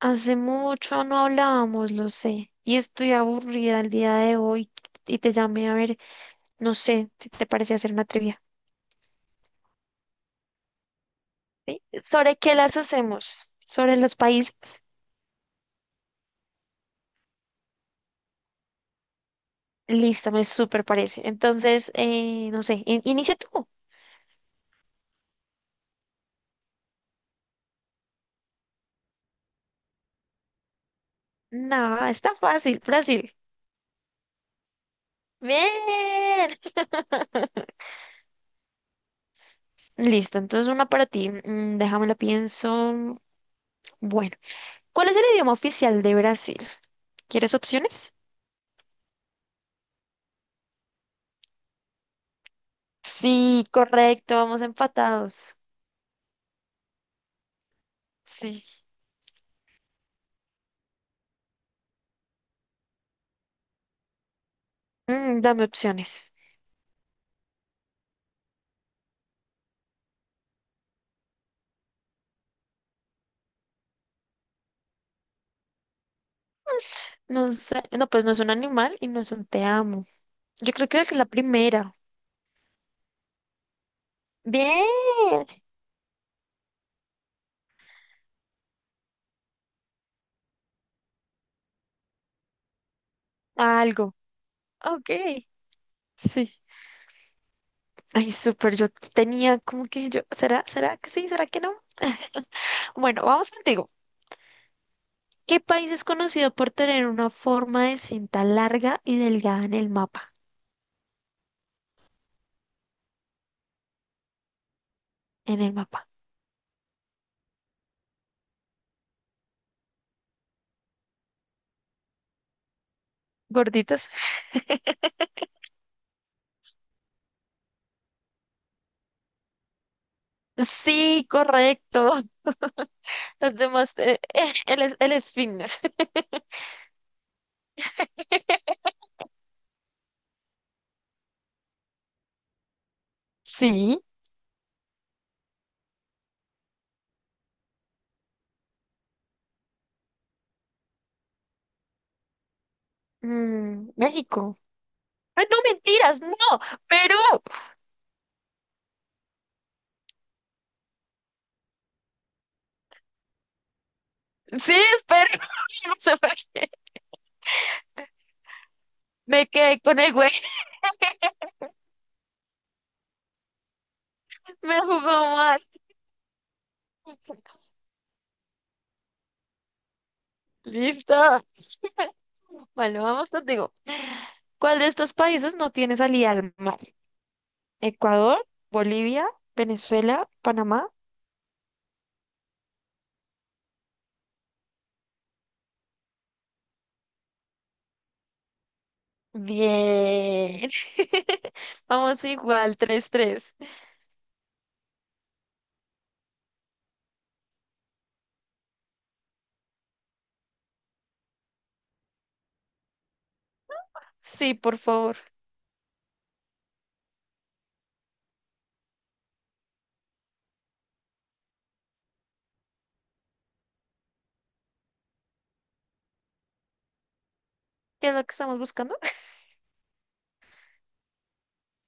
Hace mucho no hablábamos, lo sé, y estoy aburrida el día de hoy y te llamé a ver, no sé, si te parece hacer una trivia. ¿Sí? ¿Sobre qué las hacemos? ¿Sobre los países? Listo, me súper parece. Entonces, no sé, inicia tú. No, está fácil, Brasil. Bien. Listo, entonces una para ti. Mm, déjame la pienso. Bueno, ¿cuál es el idioma oficial de Brasil? ¿Quieres opciones? Sí, correcto, vamos empatados. Sí. Mm, dame opciones. No sé. No, pues no es un animal y no es un te amo. Yo creo que es la primera. Bien. Algo. Ok. Sí. Ay, súper. Yo tenía como que yo. ¿Será? ¿Será que sí? ¿Será que no? Bueno, vamos contigo. ¿Qué país es conocido por tener una forma de cinta larga y delgada en el mapa? En el mapa. ¿Gorditos? Sí, correcto. Los demás, él es fitness. Sí. Mm, México. Ay, no mentiras, no, Perú. Sí, es Perú. No sé por qué. Me quedé con el güey, me jugó mal. Listo. Bueno, vamos contigo. ¿Cuál de estos países no tiene salida al mar? Ecuador, Bolivia, Venezuela, Panamá. Bien. Vamos igual, tres tres. Sí, por favor. ¿Qué es lo que estamos buscando?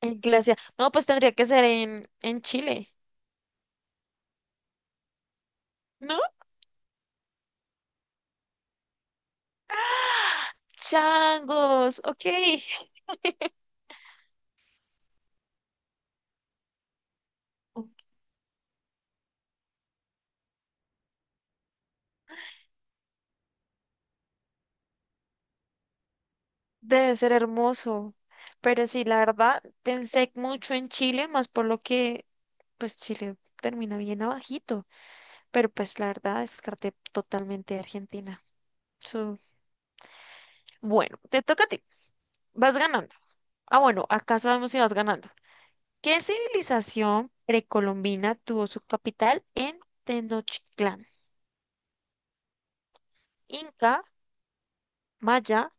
En Glacia. No, pues tendría que ser en Chile, ¿no? ¡Ah! Changos, ok. Debe ser hermoso. Pero sí, la verdad, pensé mucho en Chile, más por lo que, pues Chile termina bien abajito. Pero pues la verdad, descarté totalmente Argentina. So, bueno, te toca a ti. Vas ganando. Ah, bueno, acá sabemos si vas ganando. ¿Qué civilización precolombina tuvo su capital en Tenochtitlán? ¿Inca, Maya,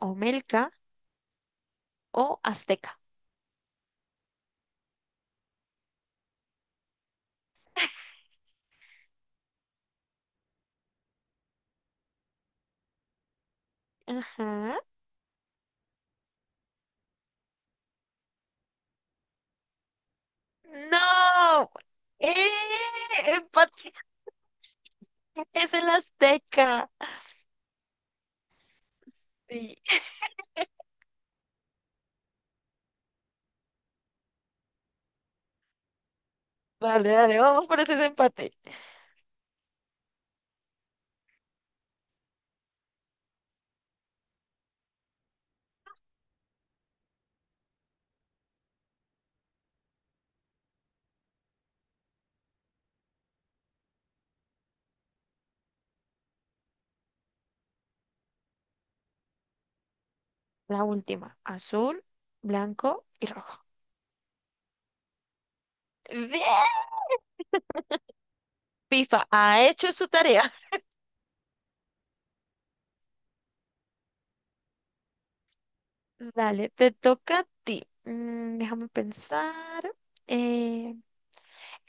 Olmeca o Azteca? Ajá. No, ¡eh! Empate, es el Azteca. Sí. Dale, dale, vamos por ese empate. La última, azul, blanco y rojo. ¡Bien! FIFA ha hecho su tarea. Dale, te toca a ti. Mm, déjame pensar. Eh,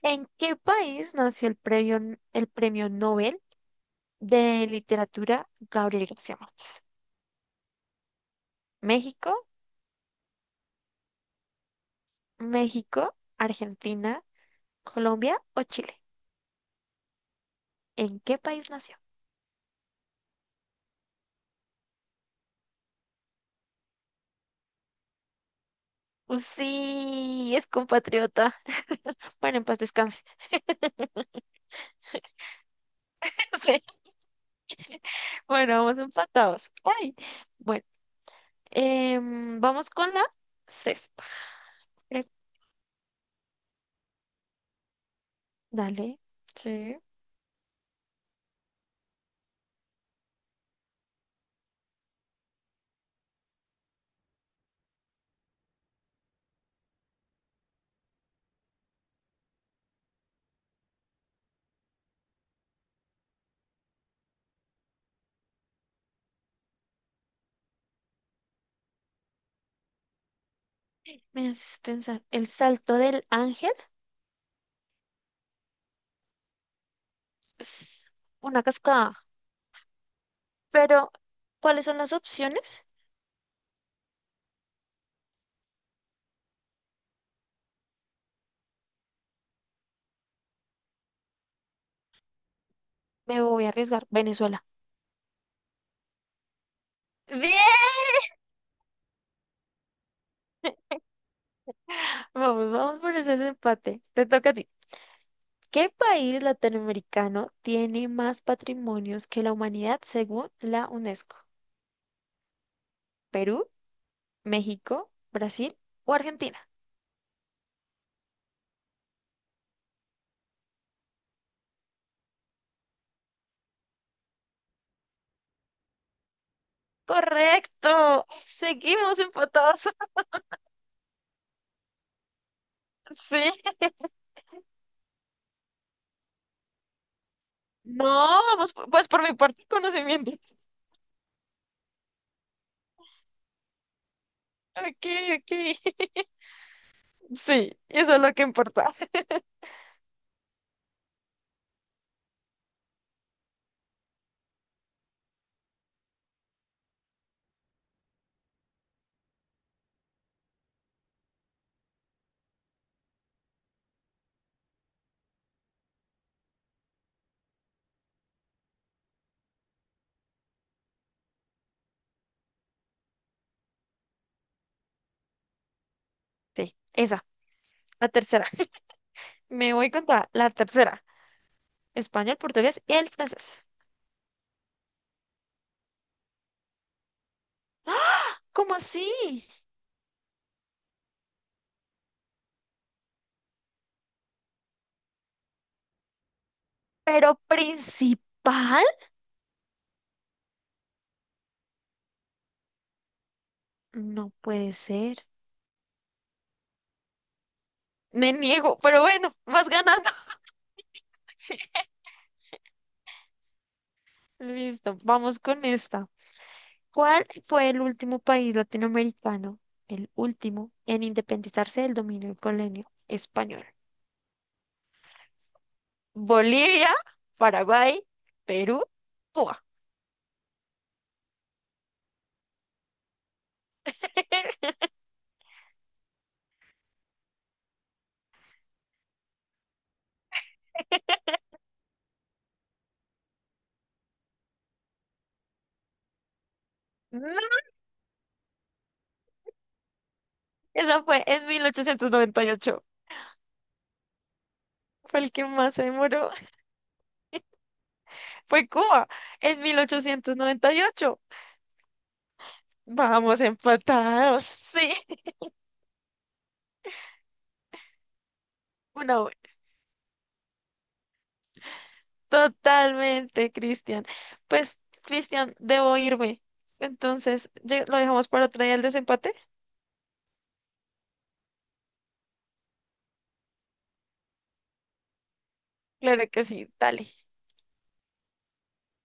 ¿En qué país nació el premio Nobel de literatura Gabriel García Márquez? ¿México, Argentina, Colombia o Chile? ¿En qué país nació? Pues sí, es compatriota. Bueno, en paz descanse. Sí, bueno, vamos empatados. Ay, bueno, em, vamos con la sexta. Pre- Dale, sí. Me haces pensar. El salto del ángel es una cascada. Pero, ¿cuáles son las opciones? Me voy a arriesgar. Venezuela. Bien. Vamos, vamos por ese empate. Te toca a ti. ¿Qué país latinoamericano tiene más patrimonios que la humanidad según la UNESCO? ¿Perú, México, Brasil o Argentina? Correcto. Seguimos empatados. Sí. No, vamos, pues por mi parte, conocimiento. Ok, ok. Sí, eso es lo que importa. Sí, esa, la tercera. Me voy con toda, la tercera. Español, portugués y el francés. ¿Cómo así? ¿Pero principal? No puede ser. Me niego, pero bueno, vas ganando. Listo, vamos con esta. ¿Cuál fue el último país latinoamericano, el último, en independizarse del dominio colonial español? Bolivia, Paraguay, Perú, Cuba. No, esa fue en 1898. Fue el que más se demoró. Fue Cuba en 1898. Vamos empatados. Sí, una. Totalmente, Cristian. Pues, Cristian, debo irme. Entonces, ¿lo dejamos para otro día el desempate? Claro que sí, dale.